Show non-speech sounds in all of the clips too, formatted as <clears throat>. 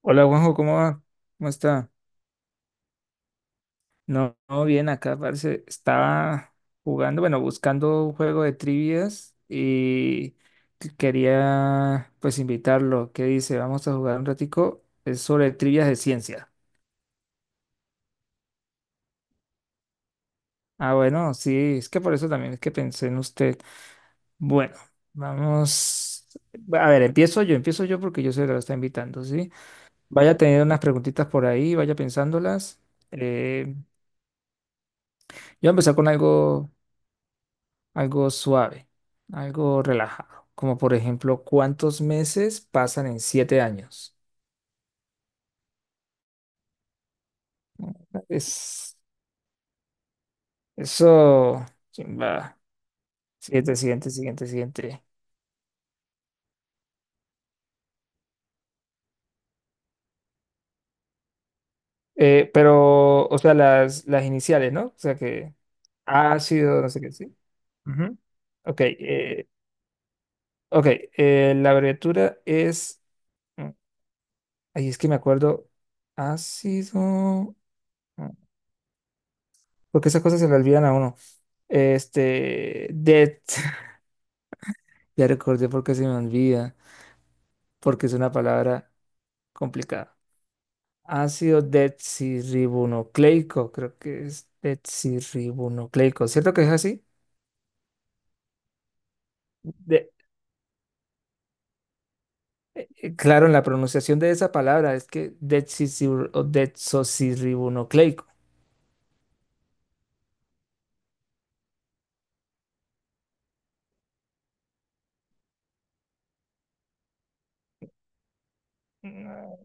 Hola Juanjo, ¿cómo va? ¿Cómo está? No, no, bien, acá parece, estaba jugando, bueno, buscando un juego de trivias y quería pues invitarlo. ¿Qué dice? Vamos a jugar un ratico. Es sobre trivias de ciencia. Ah, bueno, sí, es que por eso también es que pensé en usted. Bueno, vamos. A ver, empiezo yo porque yo soy el que lo está invitando, ¿sí? Vaya teniendo unas preguntitas por ahí, vaya pensándolas. Eh, yo voy a empezar con algo, algo suave, algo relajado, como por ejemplo, ¿cuántos meses pasan en 7 años? Es eso, chimba. Siguiente, siguiente, siguiente, siguiente. Pero, o sea, las iniciales, ¿no? O sea que ácido, no sé qué, sí. Ujú. Ok, ok, la abreviatura es, mm, ay, es que me acuerdo, ácido, mm, porque esas cosas se le olvidan a uno. Este, det. <laughs> Ya recordé porque se me olvida, porque es una palabra complicada. Ácido desoxirribonucleico, creo que es desoxirribonucleico. ¿Cierto que es así? De- claro, en la pronunciación de esa palabra es que o desoxirribonucleico. No.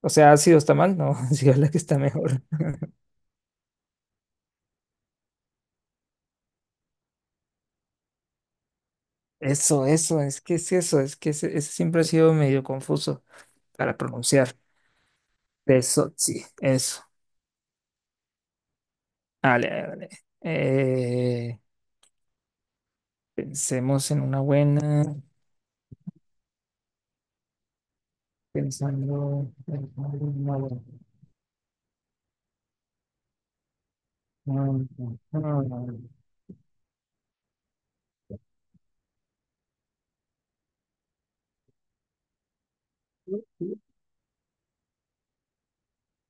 O sea, ácido está mal, no, <laughs> sí es la que está mejor. Eso, es que es eso, es que ese siempre ha sido medio confuso para pronunciar. Eso sí eso. Vale, vale. Eh, Pensemos en una buena, pensando en una buena. Mm, mm, mm.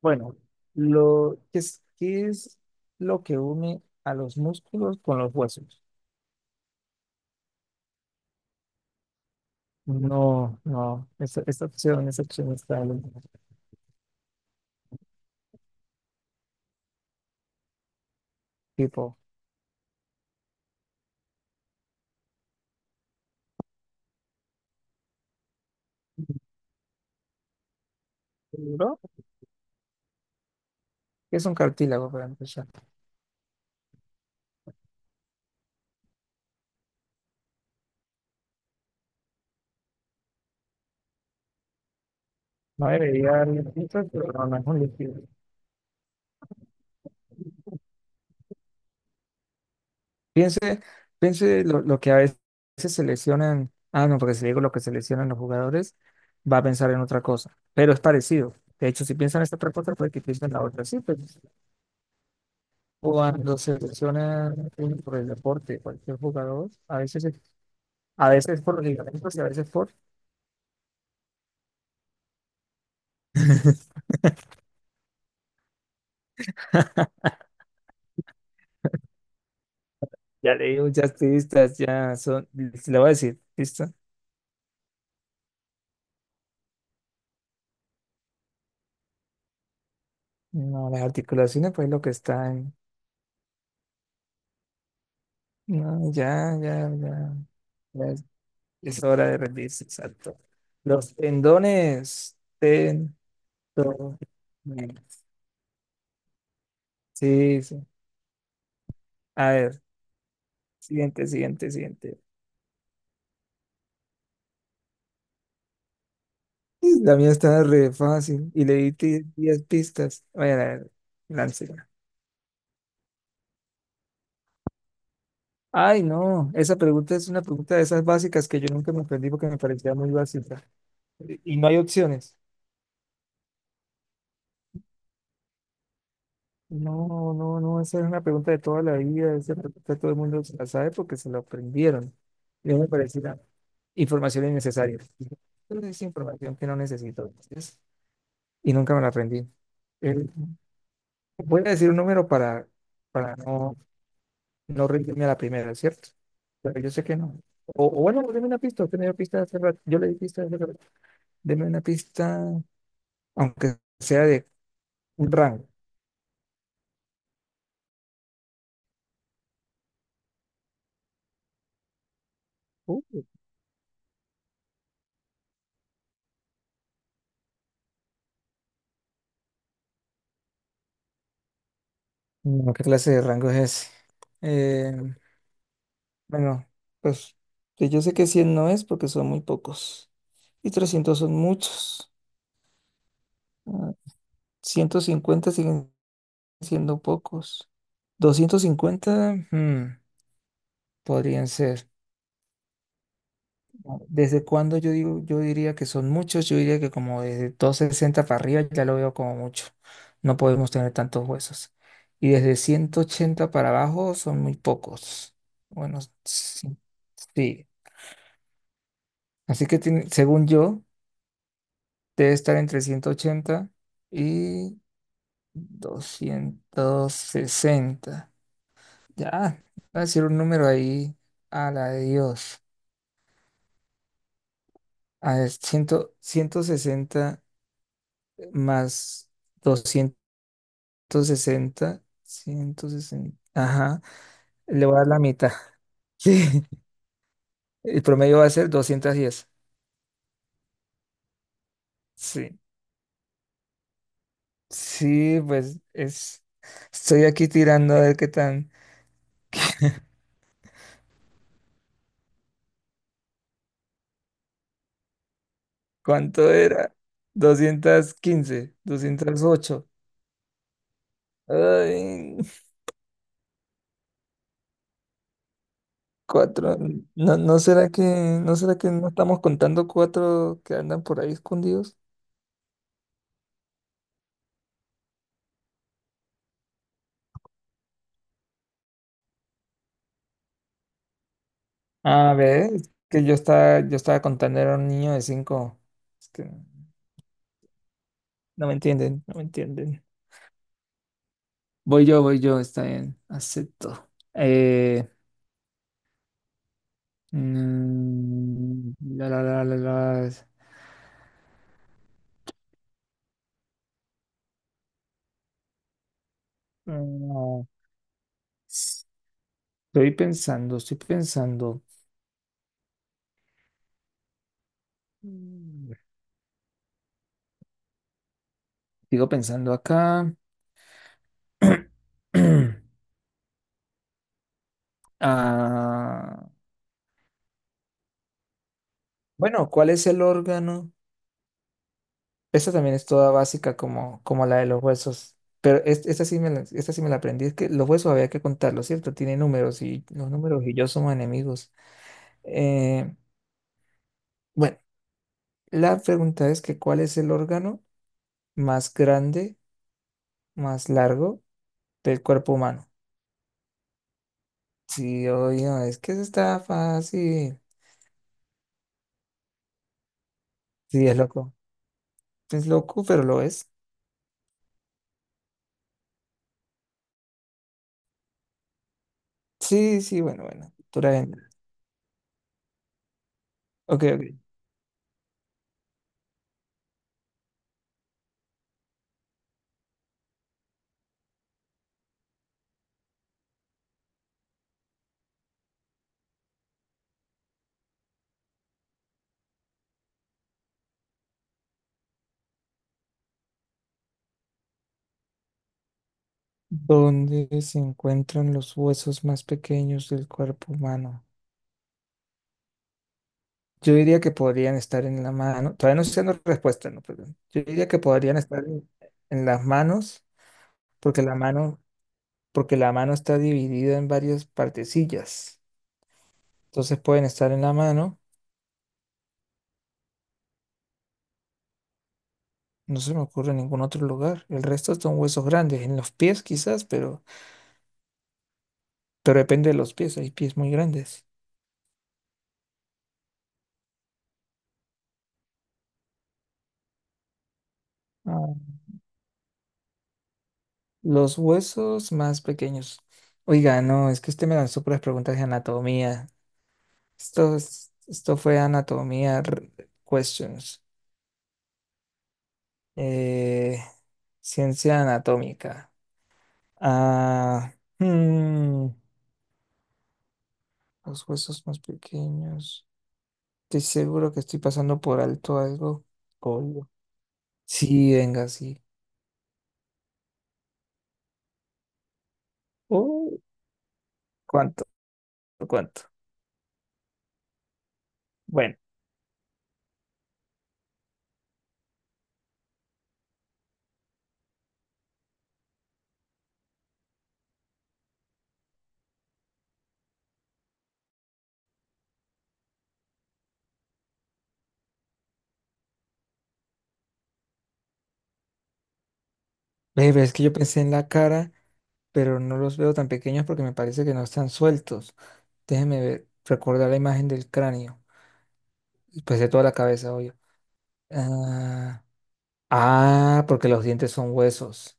Bueno, lo que es, ¿qué es lo que une a los músculos con los huesos? No, no, esta opción, esta opción está en tipo, ¿no? Es un cartílago para empezar. No debería haber listas, pero no, no es un líquido. Piensa Piense lo que a veces seleccionan, ah, no, porque si le digo lo que seleccionan los jugadores, va a pensar en otra cosa, pero es parecido. De hecho, si piensan en esta otra cosa, puede que piensen en la otra. Sí, pero cuando seleccionan por el deporte, cualquier jugador, a veces, a veces por los ligamentos y a veces por. <laughs> Ya leí muchas pistas, ya son, le voy a decir, ¿listo? No, las articulaciones, pues lo que están. No, ya, ya, ya. Es hora de rendirse, exacto. Los tendones tendones. Sí, sí. A ver, siguiente, siguiente, siguiente. Y la mía está re fácil y le di 10 pistas. A ver, láncela. Ay, no, esa pregunta es una pregunta de esas básicas que yo nunca me aprendí porque me parecía muy básica. Y no hay opciones. No, no, no, esa es una pregunta de toda la vida, esa pregunta todo el mundo se la sabe porque se la aprendieron. Yo me parecía información innecesaria. Pero es información que no necesito. Entonces, y nunca me la aprendí. Eh, Voy a decir un número para, no, no rendirme a la primera, ¿cierto? Pero yo sé que no. O bueno, deme una pista. Usted me dio pista hace rato. Yo le di pista hace rato. Deme una pista, aunque sea de un rango. Uh, no, ¿qué clase de rango es ese? Eh, bueno, pues que yo sé que 100 no es porque son muy pocos. Y 300 son muchos. Ah, 150 siguen siendo pocos. 250, podrían ser. ¿Desde cuándo yo digo, yo diría que son muchos? Yo diría que como desde 260 para arriba ya lo veo como mucho. No podemos tener tantos huesos. Y desde 180 para abajo son muy pocos. Bueno, sí. Sí. Así que según yo, debe estar entre 180 y 260. Ya, voy a decir un número ahí a la de Dios. A ver, 100, 60 más 260 160. Ajá, le voy a dar la mitad. <laughs> Sí, el promedio va a ser 210. Sí, sí, pues es. Estoy aquí tirando a ver qué tan. ¿Cuánto era? 215, 208. Ay, cuatro. ¿No será que, no será que, no estamos contando cuatro que andan por ahí escondidos? A ver, es que yo estaba contando era un niño de cinco. Es que no me entienden, no me entienden. Voy yo, está bien, acepto. Eh, mm, la, la, la, la, la, mm, Estoy pensando, estoy pensando. Mm. Sigo pensando acá. <clears throat> Ah, bueno, ¿cuál es el órgano? Esta también es toda básica como la de los huesos. Pero esta sí me la aprendí. Es que los huesos había que contarlos, ¿cierto? Tiene números y los números y yo somos enemigos. Eh, bueno, la pregunta es que ¿cuál es el órgano más grande, más largo del cuerpo humano? Sí, oye, no, es que eso está fácil. Sí, es loco. Es loco, pero lo es. Sí, sí, bueno, bueno. Tú la ven. Ok, ok. Donde se encuentran los huesos más pequeños del cuerpo humano. Yo diría que podrían estar en la mano. Todavía no estoy dando respuesta, no, perdón. Yo diría que podrían estar en, las manos, porque la mano, porque la mano está dividida en varias partecillas. Entonces pueden estar en la mano. No se me ocurre en ningún otro lugar. El resto son huesos grandes. En los pies quizás, pero, depende de los pies. Hay pies muy grandes. Los huesos más pequeños. Oiga, no, es que usted me lanzó puras preguntas de anatomía. Esto, esto fue anatomía questions. Eh, Ciencia anatómica. Ah, hmm, los huesos más pequeños. Estoy seguro que estoy pasando por alto algo. Colio. Sí, venga, sí. Oh, ¿cuánto? ¿Cuánto? Bueno, ve, ve, es que yo pensé en la cara, pero no los veo tan pequeños porque me parece que no están sueltos. Déjeme ver, recordar la imagen del cráneo, y pues de toda la cabeza, obvio. Ah, ah, porque los dientes son huesos.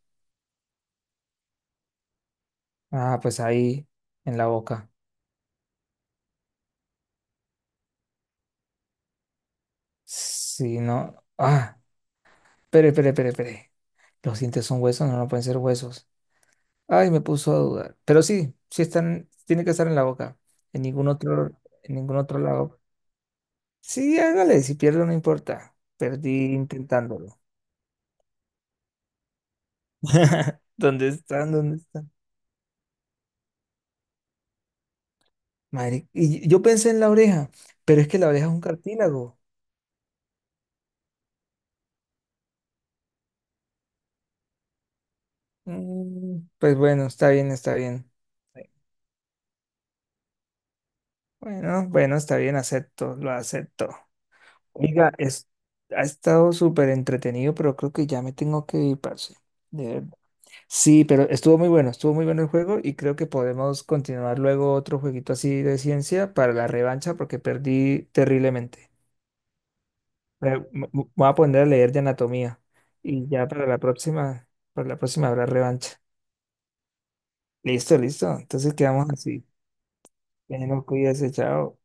Ah, pues ahí, en la boca. Si no. Ah, espere, espere, espere, espere. Los dientes son huesos, no, no pueden ser huesos. Ay, me puso a dudar. Pero sí, sí están, tiene que estar en la boca. En ningún otro, en ningún otro lado. Sí, hágale, si pierdo no importa. Perdí intentándolo. <laughs> ¿Dónde están? ¿Dónde están? Madre, y yo pensé en la oreja, pero es que la oreja es un cartílago. Pues bueno, está bien, está bien. Bueno, bueno, está bien, acepto, lo acepto. Oiga, ha estado súper entretenido, pero creo que ya me tengo que ir, parce. De verdad. Sí, pero estuvo muy bueno el juego y creo que podemos continuar luego otro jueguito así de ciencia para la revancha porque perdí terriblemente. Me voy a poner a leer de anatomía y ya para la próxima, habrá revancha. Listo, listo. Entonces quedamos así. Bueno, cuídese, chao.